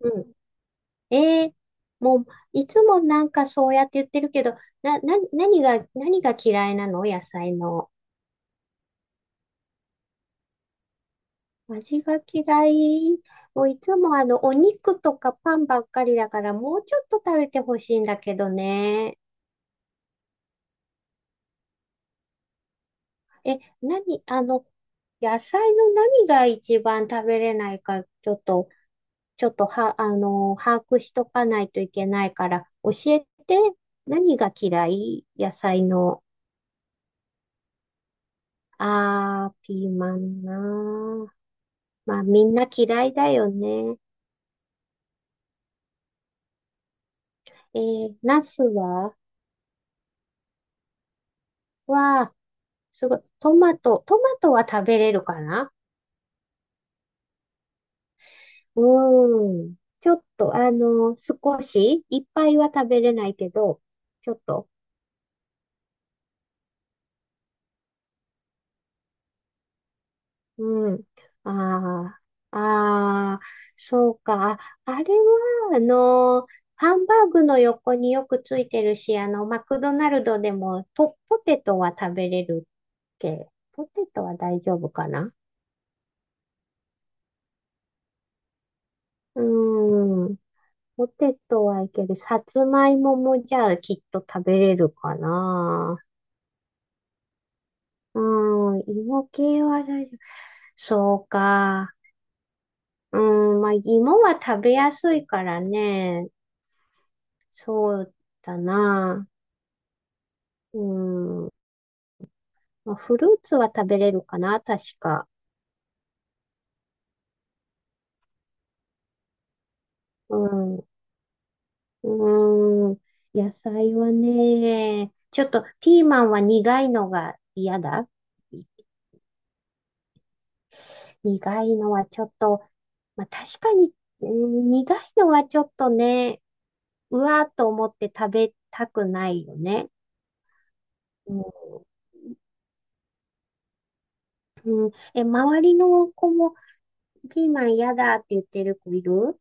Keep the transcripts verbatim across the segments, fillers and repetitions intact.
うん。えー、もう、いつもなんかそうやって言ってるけど、な、な、何が、何が嫌いなの、野菜の？味が嫌い。もういつもあの、お肉とかパンばっかりだから、もうちょっと食べてほしいんだけどね。え、何？あの、野菜の何が一番食べれないか、ちょっと、ちょっとは、あの、把握しとかないといけないから、教えて、何が嫌い、野菜の？あー、ピーマンなー。まあ、みんな嫌いだよね。えー、ナスは、は、すごい。トマト、トマトは食べれるかな。うーん。ちょっと、あの、少し、いっぱいは食べれないけど、ちょっと。うん。ああ、ああ、そうか。あ、あれは、あの、ハンバーグの横によくついてるし、あの、マクドナルドでもポ、ポテトは食べれる、ケー。ポテトは大丈夫かな。うーん。ポテトはいける。さつまいももじゃあきっと食べれるかな。うーん。芋系は大丈夫。そうか。うーん。まあ、芋は食べやすいからね。そうだな。うーん。まあ、フルーツは食べれるかな、確か。うん。うーん。野菜はね、ちょっとピーマンは苦いのが嫌だ。苦いのはちょっと、まあ、確かに、うん、苦いのはちょっとね、うわーっと思って食べたくないよね。うん、うん、え、周りの子もピーマン嫌だって言ってる子いる？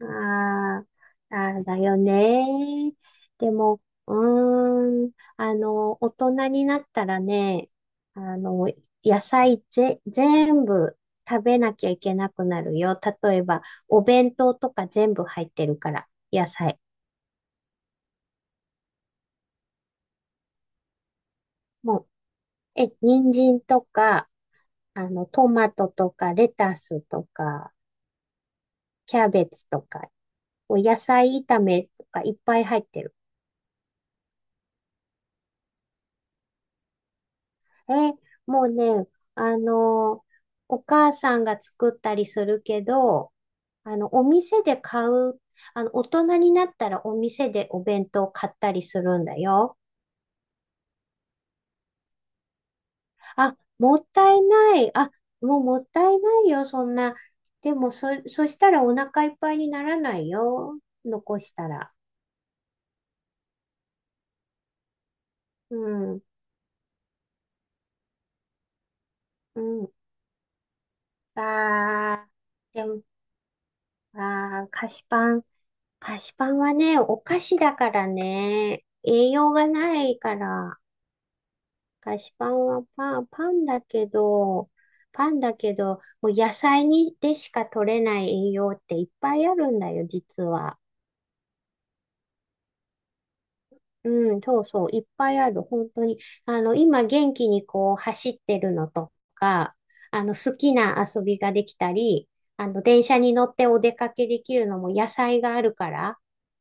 ああ、あれだよね。でも、うーん、あの、大人になったらね、あの、野菜ぜ、全部食べなきゃいけなくなるよ。例えば、お弁当とか全部入ってるから、野菜。もう、え、人参とか、あの、トマトとか、レタスとか、キャベツとか、お野菜炒めとかいっぱい入ってる。え、もうね、あの、お母さんが作ったりするけど、あの、お店で買う、あの、大人になったらお店でお弁当買ったりするんだよ。あ、もったいない。あ、もうもったいないよ、そんな。でも、そ、そしたらお腹いっぱいにならないよ。残したら。うん、うん。あー、でも、あー、菓子パン。菓子パンはね、お菓子だからね、栄養がないから、菓子パンはパン、パンだけど、パンだけど、もう野菜にでしか取れない栄養っていっぱいあるんだよ、実は。うん、そうそう、いっぱいある、本当に。あの、今元気にこう走ってるのとか、あの、好きな遊びができたり、あの、電車に乗ってお出かけできるのも野菜があるから、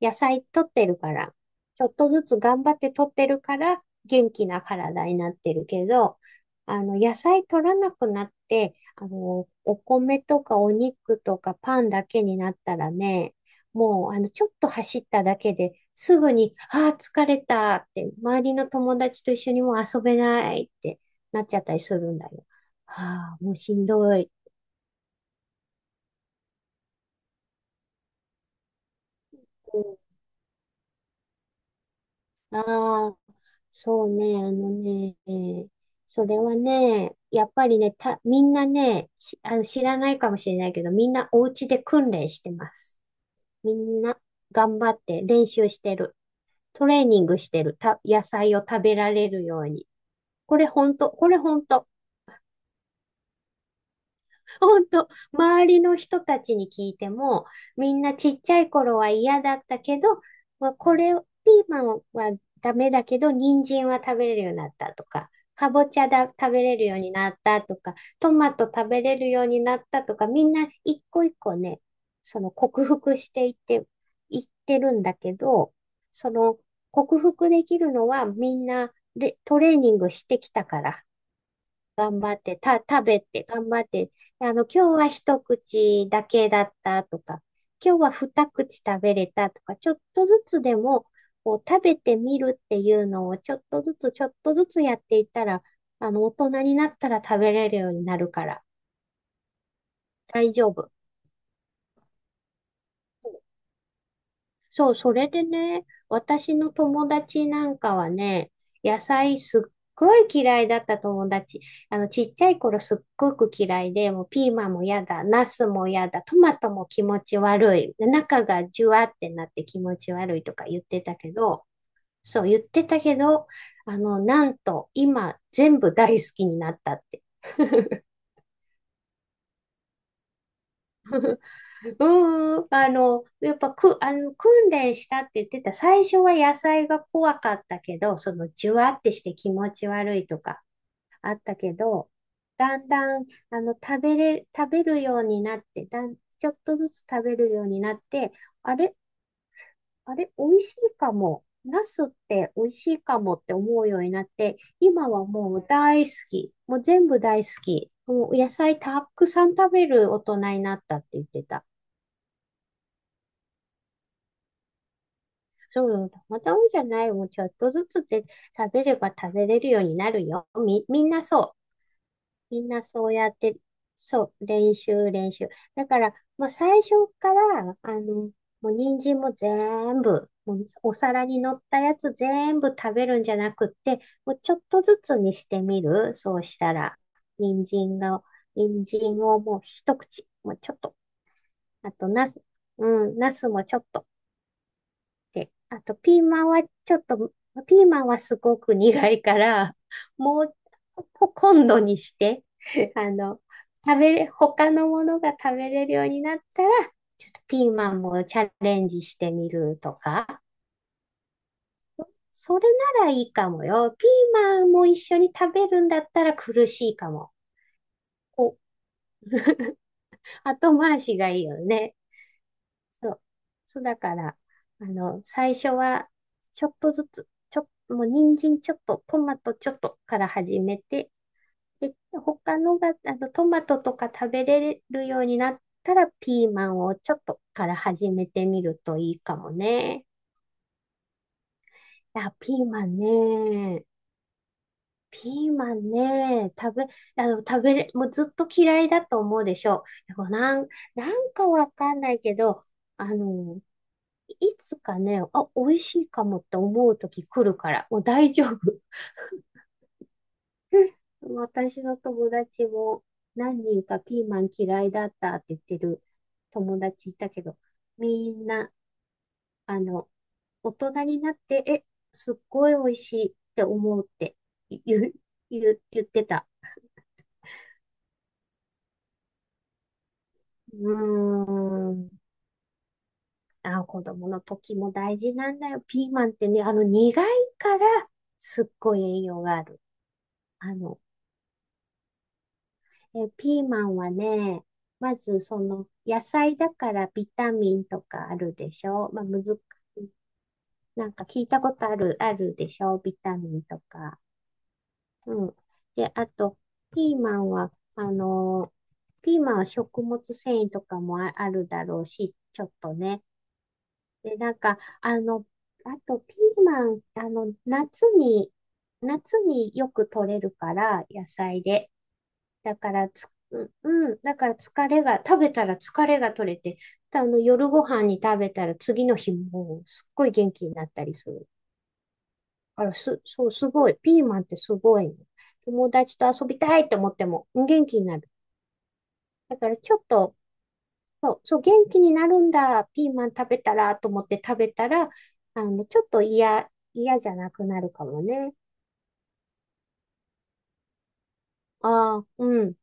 野菜取ってるから、ちょっとずつ頑張って取ってるから、元気な体になってるけど、あの、野菜取らなくなって、あの、お米とかお肉とかパンだけになったらね、もう、あの、ちょっと走っただけで、すぐに、ああ、疲れたって、周りの友達と一緒にもう遊べないってなっちゃったりするんだよ。ああ、もうしんどい。うん、ああ、そうね、あのね、それはね、やっぱりね、た、みんなね、しあの、知らないかもしれないけど、みんなお家で訓練してます。みんな頑張って練習してる。トレーニングしてる。た、野菜を食べられるように。これ本当、これ本当。本当、周りの人たちに聞いても、みんなちっちゃい頃は嫌だったけど、まあ、これ、ピーマンはダメだけど、人参は食べれるようになったとか、かぼちゃだ、食べれるようになったとか、トマト食べれるようになったとか、みんないっこいっこね、その克服していって、いってるんだけど、その克服できるのはみんなでトレーニングしてきたから。頑張って、た、食べて、頑張って、あの、今日は一口だけだったとか、今日はふたくち食べれたとか、ちょっとずつでも、こう、食べてみるっていうのを、ちょっとずつ、ちょっとずつやっていったら、あの、大人になったら食べれるようになるから、大丈夫。そう、それでね、私の友達なんかはね、野菜すっごい嫌いだった友達。あの、ちっちゃい頃すっごく嫌いで、もうピーマンも嫌だ、ナスも嫌だ、トマトも気持ち悪い、中がジュワってなって気持ち悪いとか言ってたけど、そう言ってたけど、あの、なんと今全部大好きになったって。うんうん、あの、やっぱく、あの、訓練したって言ってた。最初は野菜が怖かったけど、その、じゅわってして気持ち悪いとかあったけど、だんだん、あの、食べれ、食べるようになって、だん、ちょっとずつ食べるようになって、あれ、あれ、美味しいかも。ナスって美味しいかもって思うようになって、今はもう大好き。もう全部大好き。もう野菜たくさん食べる大人になったって言ってた。そう、たまたまじゃない。もうちょっとずつで食べれば食べれるようになるよ。み、みんなそう。みんなそうやって、そう、練習、練習。だから、まあ、最初から、あの、もう人参も全部、もうお皿に乗ったやつ全部食べるんじゃなくって、もうちょっとずつにしてみる。そうしたら、人参が、人参をもう一口、もうちょっと、あと、なす、うん、なすもちょっと。で、あと、ピーマンはちょっと、ピーマンはすごく苦いから、もう、こ今度にして、あの、食べれ、他のものが食べれるようになったら、ちょっとピーマンもチャレンジしてみるとか、それならいいかもよ。ピーマンも一緒に食べるんだったら苦しいかも。こう、後回しがいいよね。そう。そうだから、あの、最初は、ちょっとずつ、ちょ、もう人参ちょっと、トマトちょっとから始めて、で、他のが、あの、トマトとか食べれるようになったら、ピーマンをちょっとから始めてみるといいかもね。あ、ピーマンね。ピーマンね。食べ、あの、食べれ、もうずっと嫌いだと思うでしょう。でもなん、なんかわかんないけど、あの、いつかね、あ、美味しいかもって思う時来るから、もう大丈夫。私の友達も何人かピーマン嫌いだったって言ってる友達いたけど、みんな、あの、大人になって、え、すっごい美味しいって思うって言う、言う、言ってた。うーん。あ、子供の時も大事なんだよ。ピーマンってね、あの苦いからすっごい栄養がある。あの、え、ピーマンはね、まずその野菜だからビタミンとかあるでしょ？まあ、むず、なんか聞いたことある、あるでしょ？ビタミンとか。うん。で、あと、ピーマンは、あの、ピーマンは食物繊維とかもあ、あるだろうし、ちょっとね。で、なんか、あの、あとピーマン、あの、夏に、夏によく取れるから、野菜で。だからつ、うん、だから疲れが、食べたら疲れが取れて、あの、夜ご飯に食べたら次の日もすっごい元気になったりする。だからす、そう、すごい。ピーマンってすごいね。友達と遊びたいって思っても元気になる。だからちょっと、そう、そう、元気になるんだ、ピーマン食べたら、と思って食べたら、あの、ちょっと嫌、嫌じゃなくなるかもね。ああ、うん。